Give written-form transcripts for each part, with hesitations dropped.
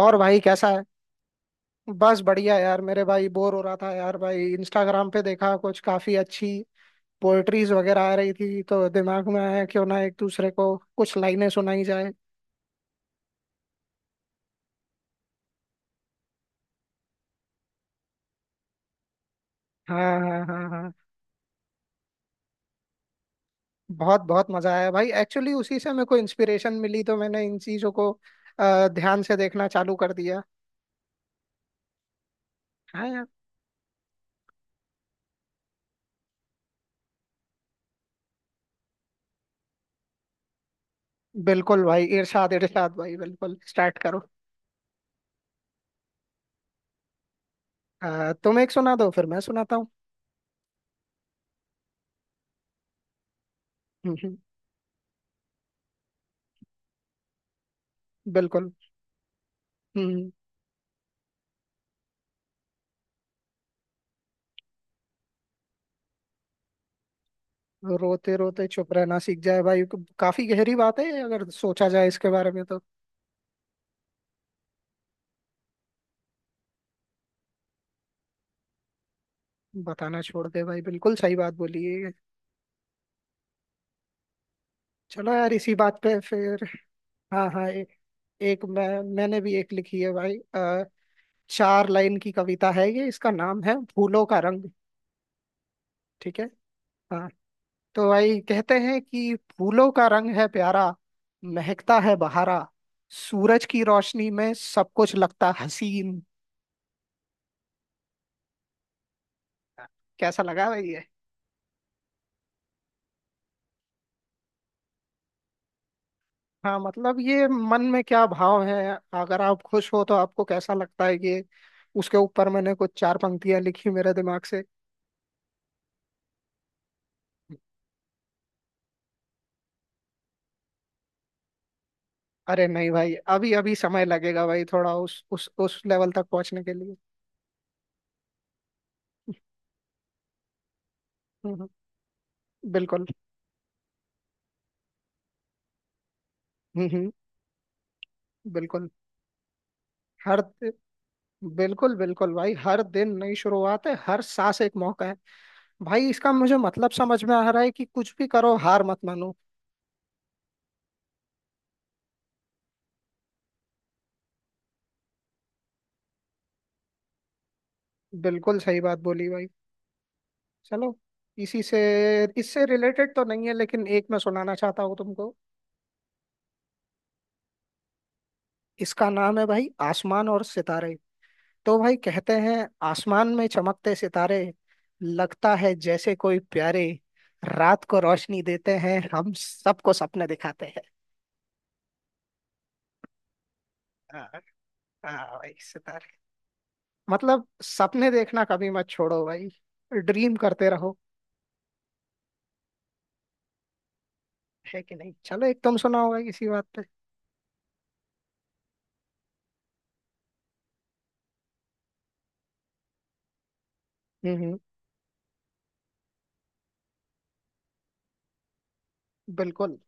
और भाई कैसा है। बस बढ़िया यार मेरे भाई, बोर हो रहा था यार भाई, इंस्टाग्राम पे देखा कुछ काफी अच्छी पोएट्रीज वगैरह आ रही थी, तो दिमाग में आया क्यों ना एक दूसरे को कुछ लाइनें सुनाई जाए। हाँ हाँ हाँ हाँ। बहुत बहुत मजा आया भाई, एक्चुअली उसी से मेरे को इंस्पिरेशन मिली, तो मैंने इन चीजों को ध्यान से देखना चालू कर दिया। हाँ यार। बिल्कुल भाई, इरशाद इरशाद भाई, बिल्कुल स्टार्ट करो। तुम एक सुना दो फिर मैं सुनाता हूँ। हम्म, हम्म, बिल्कुल। हम्म। रोते रोते चुप रहना सीख जाए भाई। काफी गहरी बात है ये, अगर सोचा जाए इसके बारे में तो। बताना छोड़ दे भाई, बिल्कुल सही बात बोली है ये। चलो यार इसी बात पे फिर। हाँ हाँ ए, एक मैं मैंने भी एक लिखी है भाई। चार लाइन की कविता है ये, इसका नाम है फूलों का रंग। ठीक है। हाँ। तो भाई कहते हैं कि फूलों का रंग है प्यारा, महकता है बहारा, सूरज की रोशनी में सब कुछ लगता हसीन। कैसा लगा भाई ये? हाँ मतलब ये मन में क्या भाव है, अगर आप खुश हो तो आपको कैसा लगता है ये, उसके ऊपर मैंने कुछ चार पंक्तियां लिखी मेरे दिमाग से। अरे नहीं भाई, अभी अभी समय लगेगा भाई थोड़ा उस लेवल तक पहुंचने के लिए। हम्म हम्म, बिल्कुल। हम्म। बिल्कुल। हर दि- बिल्कुल बिल्कुल भाई, हर दिन नई शुरुआत है, हर सांस एक मौका है। भाई इसका मुझे मतलब समझ में आ रहा है कि कुछ भी करो हार मत मानो। बिल्कुल सही बात बोली भाई। चलो इसी से, इससे रिलेटेड तो नहीं है लेकिन एक मैं सुनाना चाहता हूँ तुमको। इसका नाम है भाई आसमान और सितारे। तो भाई कहते हैं, आसमान में चमकते सितारे, लगता है जैसे कोई प्यारे, रात को रोशनी देते हैं हम सबको सपने दिखाते हैं। हाँ। हाँ भाई सितारे। मतलब सपने देखना कभी मत छोड़ो भाई, ड्रीम करते रहो। है कि नहीं, चलो एक तुम सुनाओ भाई इसी बात पे। हम्म हम्म, बिल्कुल।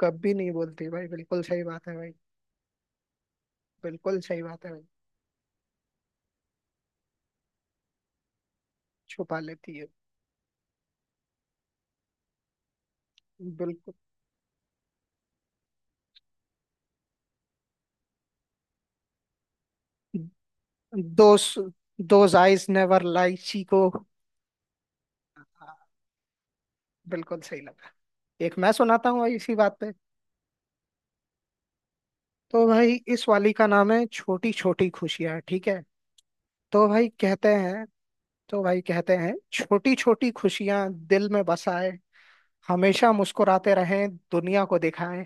कभी नहीं बोलती भाई, बिल्कुल सही बात है भाई, बिल्कुल सही बात है भाई। छुपा लेती है। बिल्कुल। Those, those eyes never lie को। हाँ, बिल्कुल सही लगा। एक मैं सुनाता हूँ भाई इसी बात पे। तो भाई इस वाली का नाम है छोटी छोटी खुशियाँ, ठीक है। तो भाई कहते हैं, तो भाई कहते हैं, छोटी छोटी खुशियाँ दिल में बसाए, हमेशा मुस्कुराते रहें दुनिया को दिखाएं।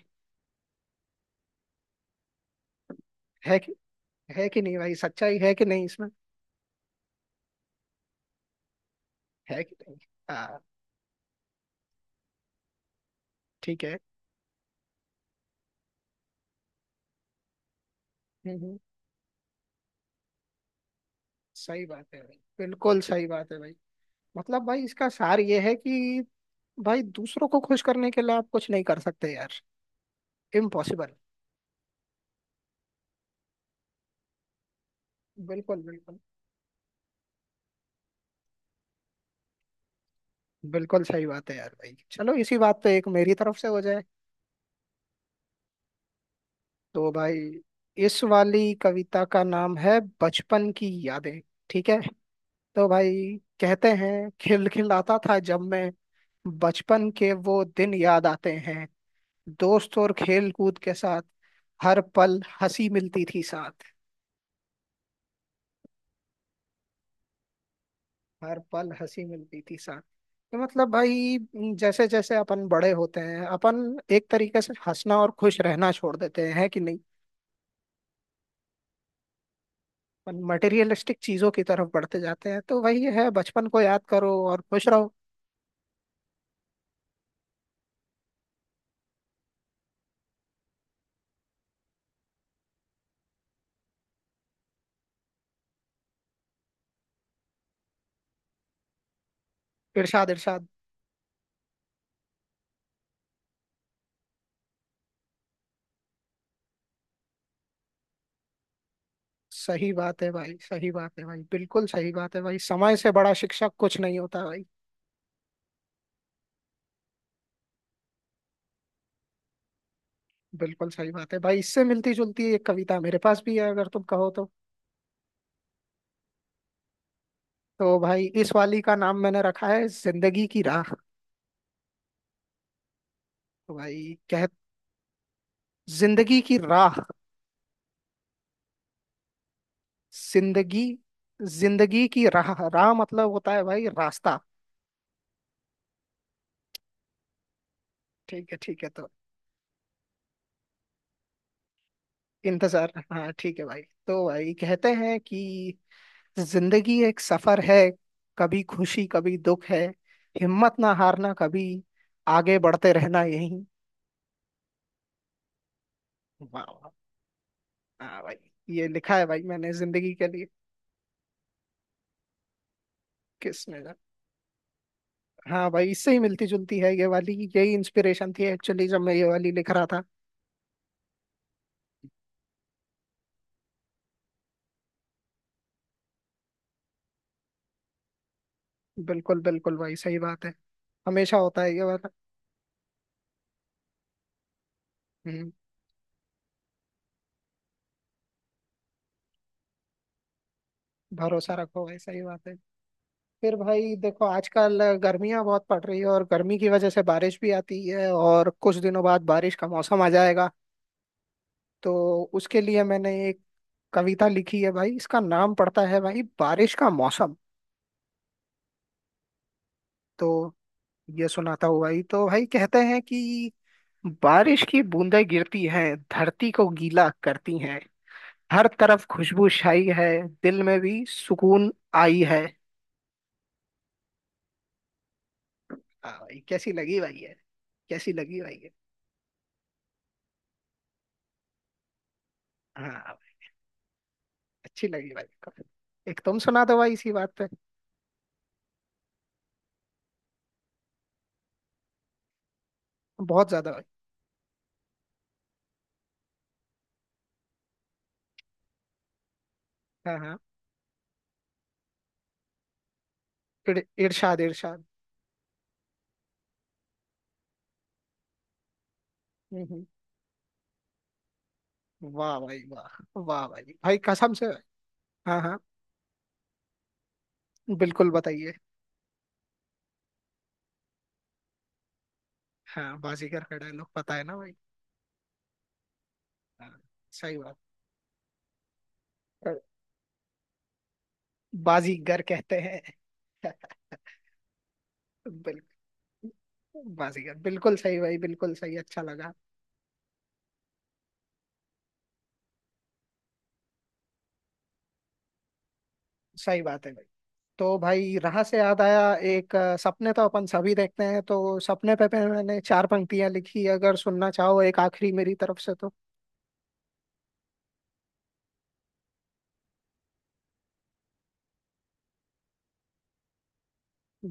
है कि, है कि नहीं भाई, सच्चाई है कि नहीं इसमें। है कि नहीं। हाँ ठीक है। हम्म, हम्म, सही बात है भाई, बिल्कुल सही बात है भाई। मतलब भाई इसका सार ये है कि भाई दूसरों को खुश करने के लिए आप कुछ नहीं कर सकते यार, इम्पॉसिबल। बिल्कुल बिल्कुल। बिल्कुल सही बात है यार भाई, चलो इसी बात पे एक मेरी तरफ से हो जाए। तो भाई इस वाली कविता का नाम है बचपन की यादें, ठीक है। तो भाई कहते हैं, खिलखिलाता था जब मैं, बचपन के वो दिन याद आते हैं, दोस्त और खेल कूद के साथ, हर पल हंसी मिलती थी साथ। हर पल हंसी मिलती थी साथ। तो मतलब भाई जैसे जैसे अपन बड़े होते हैं, अपन एक तरीके से हंसना और खुश रहना छोड़ देते हैं, है कि नहीं। अपन मटेरियलिस्टिक चीजों की तरफ बढ़ते जाते हैं, तो वही है, बचपन को याद करो और खुश रहो। इरशाद इरशाद। सही बात है भाई, सही बात है भाई, बिल्कुल सही बात है भाई, समय से बड़ा शिक्षक कुछ नहीं होता भाई। बिल्कुल सही बात है भाई, इससे मिलती जुलती एक कविता मेरे पास भी है, अगर तुम कहो तो। तो भाई इस वाली का नाम मैंने रखा है जिंदगी की राह। तो भाई कह, जिंदगी की राह, जिंदगी, जिंदगी की राह, राह मतलब होता है भाई रास्ता। ठीक है ठीक है, तो इंतजार, हाँ ठीक है भाई। तो भाई कहते हैं कि, जिंदगी एक सफर है, कभी खुशी कभी दुख है, हिम्मत ना हारना कभी, आगे बढ़ते रहना यही। वाह वाह। हाँ भाई, ये लिखा है भाई मैंने जिंदगी के लिए। किसने जाना। हाँ भाई इससे ही मिलती जुलती है ये वाली, यही इंस्पिरेशन थी एक्चुअली जब मैं ये वाली लिख रहा था। बिल्कुल बिल्कुल भाई, सही बात है, हमेशा होता है ये वाला। हम्म। भरोसा रखो भाई, सही बात है। फिर भाई देखो, आजकल गर्मियां बहुत पड़ रही है और गर्मी की वजह से बारिश भी आती है, और कुछ दिनों बाद बारिश का मौसम आ जाएगा, तो उसके लिए मैंने एक कविता लिखी है भाई, इसका नाम पड़ता है भाई बारिश का मौसम। तो ये सुनाता हूँ भाई। तो भाई कहते हैं कि, बारिश की बूंदें गिरती हैं, धरती को गीला करती हैं, हर तरफ खुशबू छाई है, दिल में भी सुकून आई है। हाँ भाई कैसी लगी भाई है। कैसी लगी भाई है। हाँ भाई, अच्छी लगी भाई को। एक तुम सुना दो भाई इसी बात पे। बहुत ज्यादा भाई। हाँ हाँ। इर, इरशाद इरशाद। हम्म, हम्म। वाह भाई वाह वाह भाई भाई, कसम से भाई। हाँ हाँ, बिल्कुल बताइए। हाँ बाजीगर का डायलॉग पता है ना भाई। हाँ, सही बात। अ, बाजीगर कहते हैं। बिल्कुल बाजीगर, बिल्कुल सही भाई, बिल्कुल सही, अच्छा लगा। सही बात है। तो भाई राह से याद आया, एक सपने तो अपन सभी देखते हैं, तो सपने पे मैंने चार पंक्तियां लिखी, अगर सुनना चाहो एक आखिरी मेरी तरफ से तो।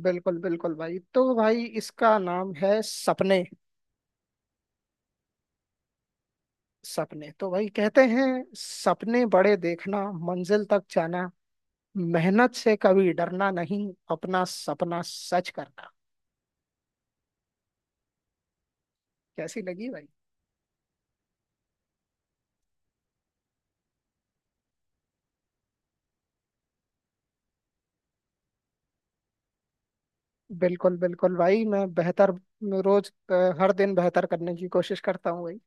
बिल्कुल बिल्कुल भाई, तो भाई इसका नाम है सपने। सपने, तो भाई कहते हैं, सपने बड़े देखना, मंजिल तक जाना, मेहनत से कभी डरना नहीं, अपना सपना सच करना। कैसी लगी भाई। बिल्कुल बिल्कुल भाई, मैं बेहतर, रोज हर दिन बेहतर करने की कोशिश करता हूँ भाई।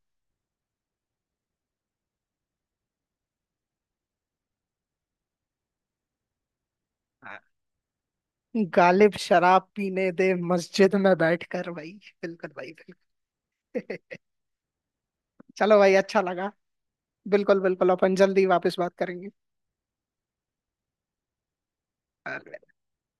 गालिब शराब पीने दे मस्जिद में बैठ कर भाई, बिल्कुल भाई बिल्कुल। चलो भाई, अच्छा लगा। बिल्कुल बिल्कुल, अपन जल्दी वापस बात करेंगे।